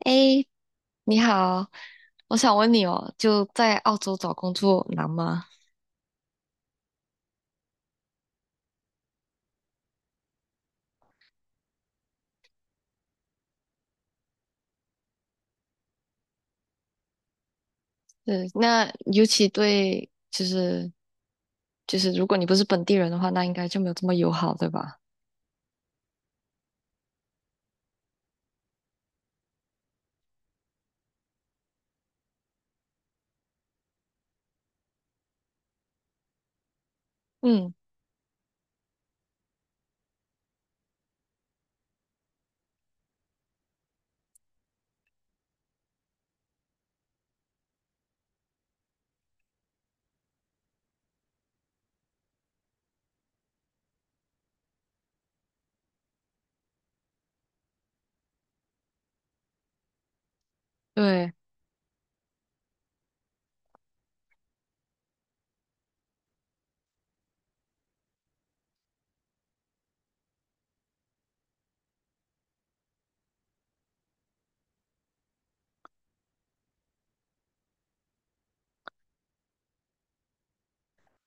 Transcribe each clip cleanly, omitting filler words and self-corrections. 哎，你好，我想问你哦，就在澳洲找工作难吗？对，那尤其对，就是，如果你不是本地人的话，那应该就没有这么友好，对吧？嗯，对，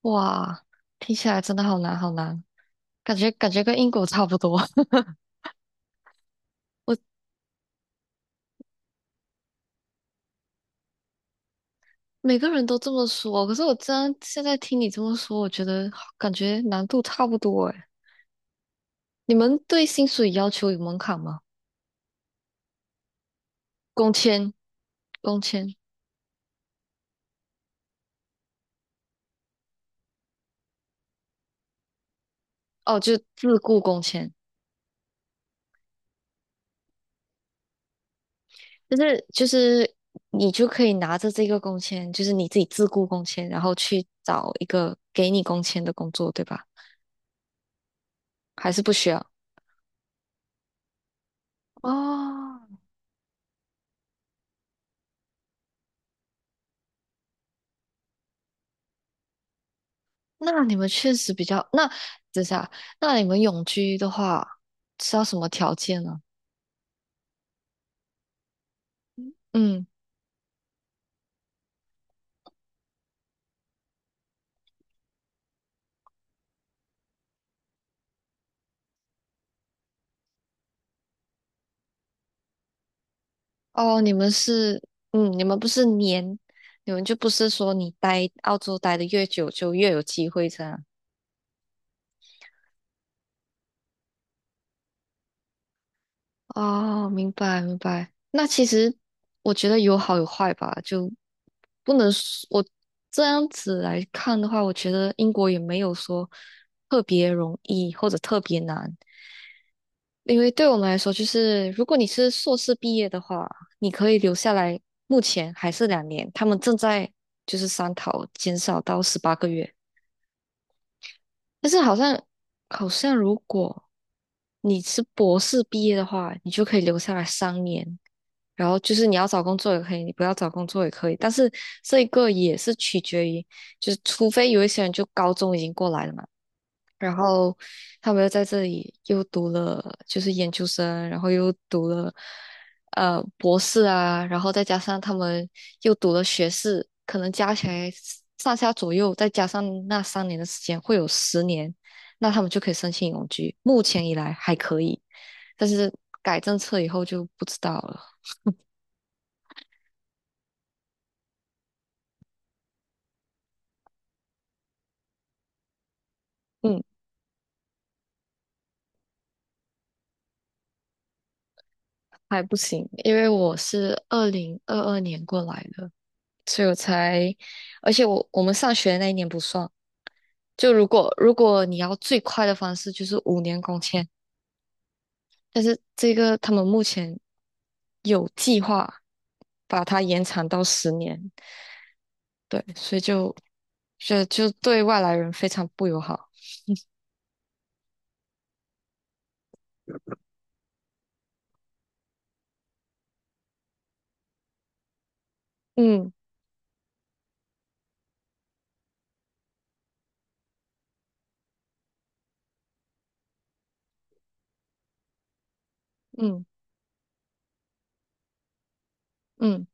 哇，听起来真的好难，好难，感觉跟英国差不多。我每个人都这么说，可是我真现在听你这么说，我觉得感觉难度差不多哎，你们对薪水要求有门槛吗？工签，工签，哦，就自雇工签。就是你就可以拿着这个工签，就是你自己自雇工签，然后去找一个给你工签的工作，对吧？还是不需要？哦，那你们确实比较，那等一下，那你们永居的话是要什么条件呢？嗯，哦，你们是，你们不是年，你们就不是说你待澳洲待的越久就越有机会这样。哦，明白明白。那其实我觉得有好有坏吧，就不能说我这样子来看的话，我觉得英国也没有说特别容易或者特别难，因为对我们来说，就是如果你是硕士毕业的话，你可以留下来，目前还是两年，他们正在就是商讨减少到18个月，但是好像如果你是博士毕业的话，你就可以留下来三年。然后就是你要找工作也可以，你不要找工作也可以，但是这一个也是取决于，就是除非有一些人就高中已经过来了嘛，然后他们又在这里又读了就是研究生，然后又读了博士啊，然后再加上他们又读了学士，可能加起来上下左右，再加上那三年的时间，会有十年，那他们就可以申请永居。目前以来还可以，但是改政策以后就不知道了。嗯。还不行，因为我是2022年过来的，所以我才，而且我们上学的那一年不算。就如果你要最快的方式，就是5年工签，但是这个他们目前有计划把它延长到十年，对，所以就对外来人非常不友好。嗯嗯嗯。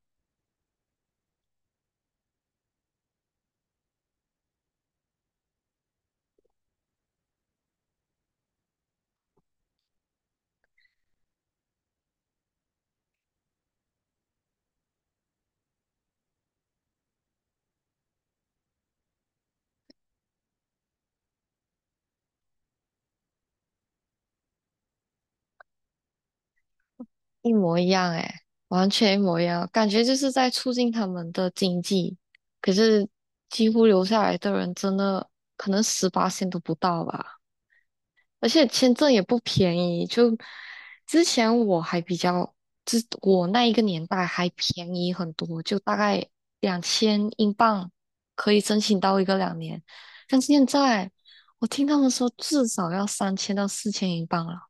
一模一样哎，完全一模一样，感觉就是在促进他们的经济。可是几乎留下来的人真的可能十八线都不到吧，而且签证也不便宜。就之前我还比较，我那一个年代还便宜很多，就大概2000英镑可以申请到一个两年，但现在我听他们说至少要3000到4000英镑了。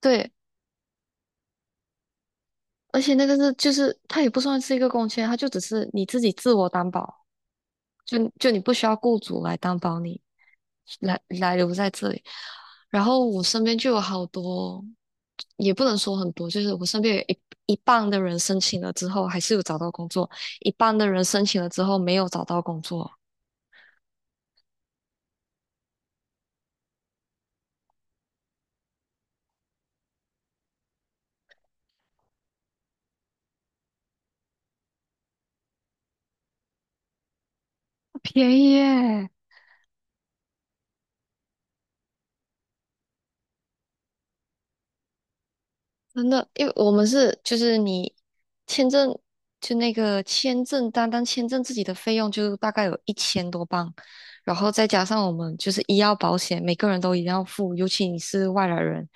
对，而且那个是就是它也不算是一个公签，它就只是你自己自我担保，就你不需要雇主来担保你来留在这里。然后我身边就有好多，也不能说很多，就是我身边有一半的人申请了之后还是有找到工作，一半的人申请了之后没有找到工作。便宜耶，真的，因为我们是就是你签证就那个签证，单单签证自己的费用就大概有一千多镑，然后再加上我们就是医药保险，每个人都一定要付，尤其你是外来人，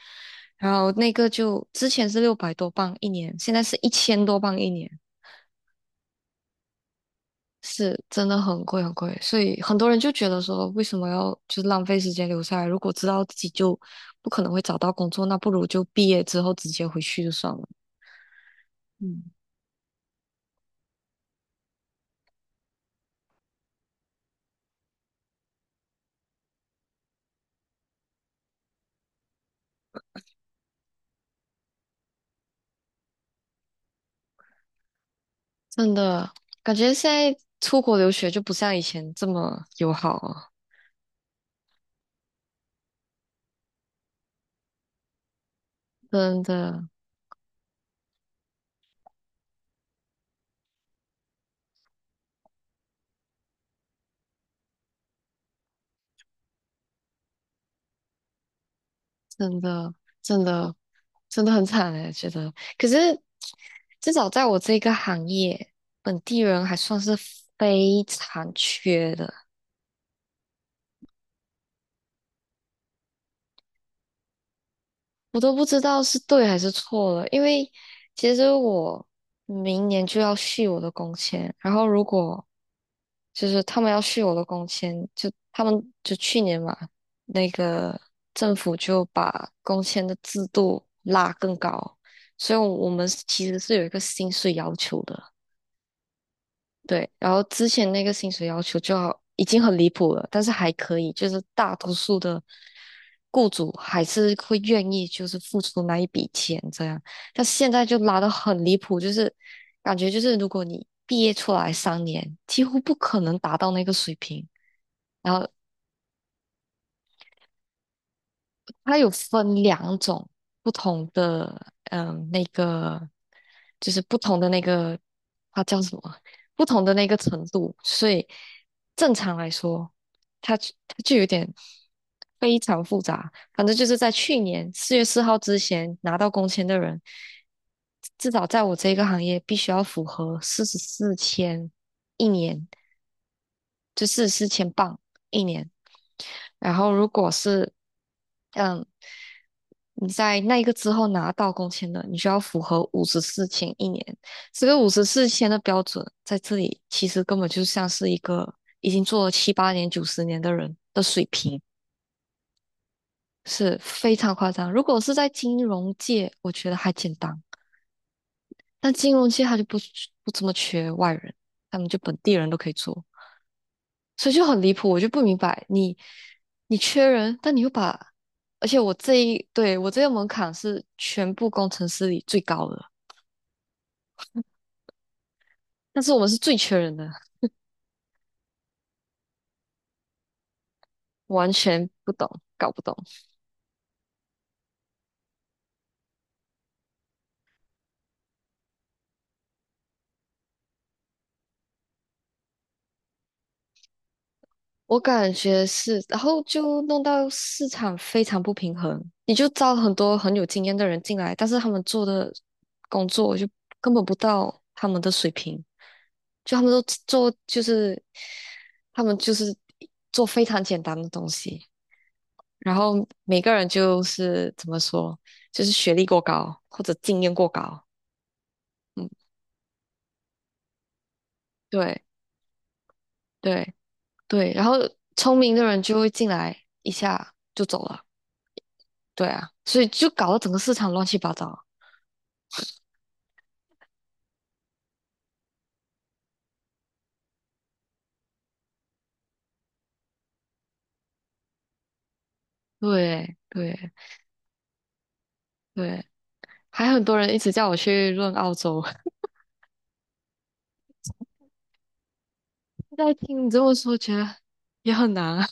然后那个就之前是600多镑一年，现在是一千多镑一年，是真的很贵很贵，所以很多人就觉得说，为什么要就是浪费时间留下来？如果知道自己就不可能会找到工作，那不如就毕业之后直接回去就算了。嗯。真的，感觉现在出国留学就不像以前这么友好了，真的，真的，真的，真的很惨哎，觉得。可是至少在我这个行业，本地人还算是非常缺的，我都不知道是对还是错了。因为其实我明年就要续我的工签，然后如果就是他们要续我的工签，就他们就去年嘛，那个政府就把工签的制度拉更高，所以我们是其实是有一个薪水要求的，对。然后之前那个薪水要求就好，已经很离谱了，但是还可以，就是大多数的雇主还是会愿意就是付出那一笔钱这样，但现在就拉得很离谱，就是感觉就是如果你毕业出来三年，几乎不可能达到那个水平。然后它有分两种不同的，那个就是不同的那个，它叫什么？不同的那个程度。所以正常来说，它就有点非常复杂。反正就是在去年4月4号之前拿到工签的人，至少在我这个行业必须要符合44000一年。就是4000镑一年。然后如果是嗯你在那一个之后拿到工签的，你需要符合五十四千一年。这个五十四千的标准在这里其实根本就像是一个已经做了七八年、九十年的人的水平，是非常夸张。如果是在金融界，我觉得还简单，但金融界他就不怎么缺外人，他们就本地人都可以做。所以就很离谱，我就不明白你缺人，但你又把，而且我这一对我这个门槛是全部工程师里最高的，但是我们是最缺人的，完全不懂，搞不懂。我感觉是，然后就弄到市场非常不平衡，你就招很多很有经验的人进来，但是他们做的工作就根本不到他们的水平，就他们都做就是他们就是做非常简单的东西。然后每个人就是怎么说，就是学历过高或者经验过高，嗯，对对对，然后聪明的人就会进来一下就走了，对啊，所以就搞得整个市场乱七八糟，对对对，还很多人一直叫我去润澳洲，现在听你这么说，觉得也很难啊，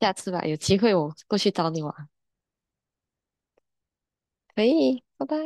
下次吧，有机会我过去找你玩，可以，拜拜。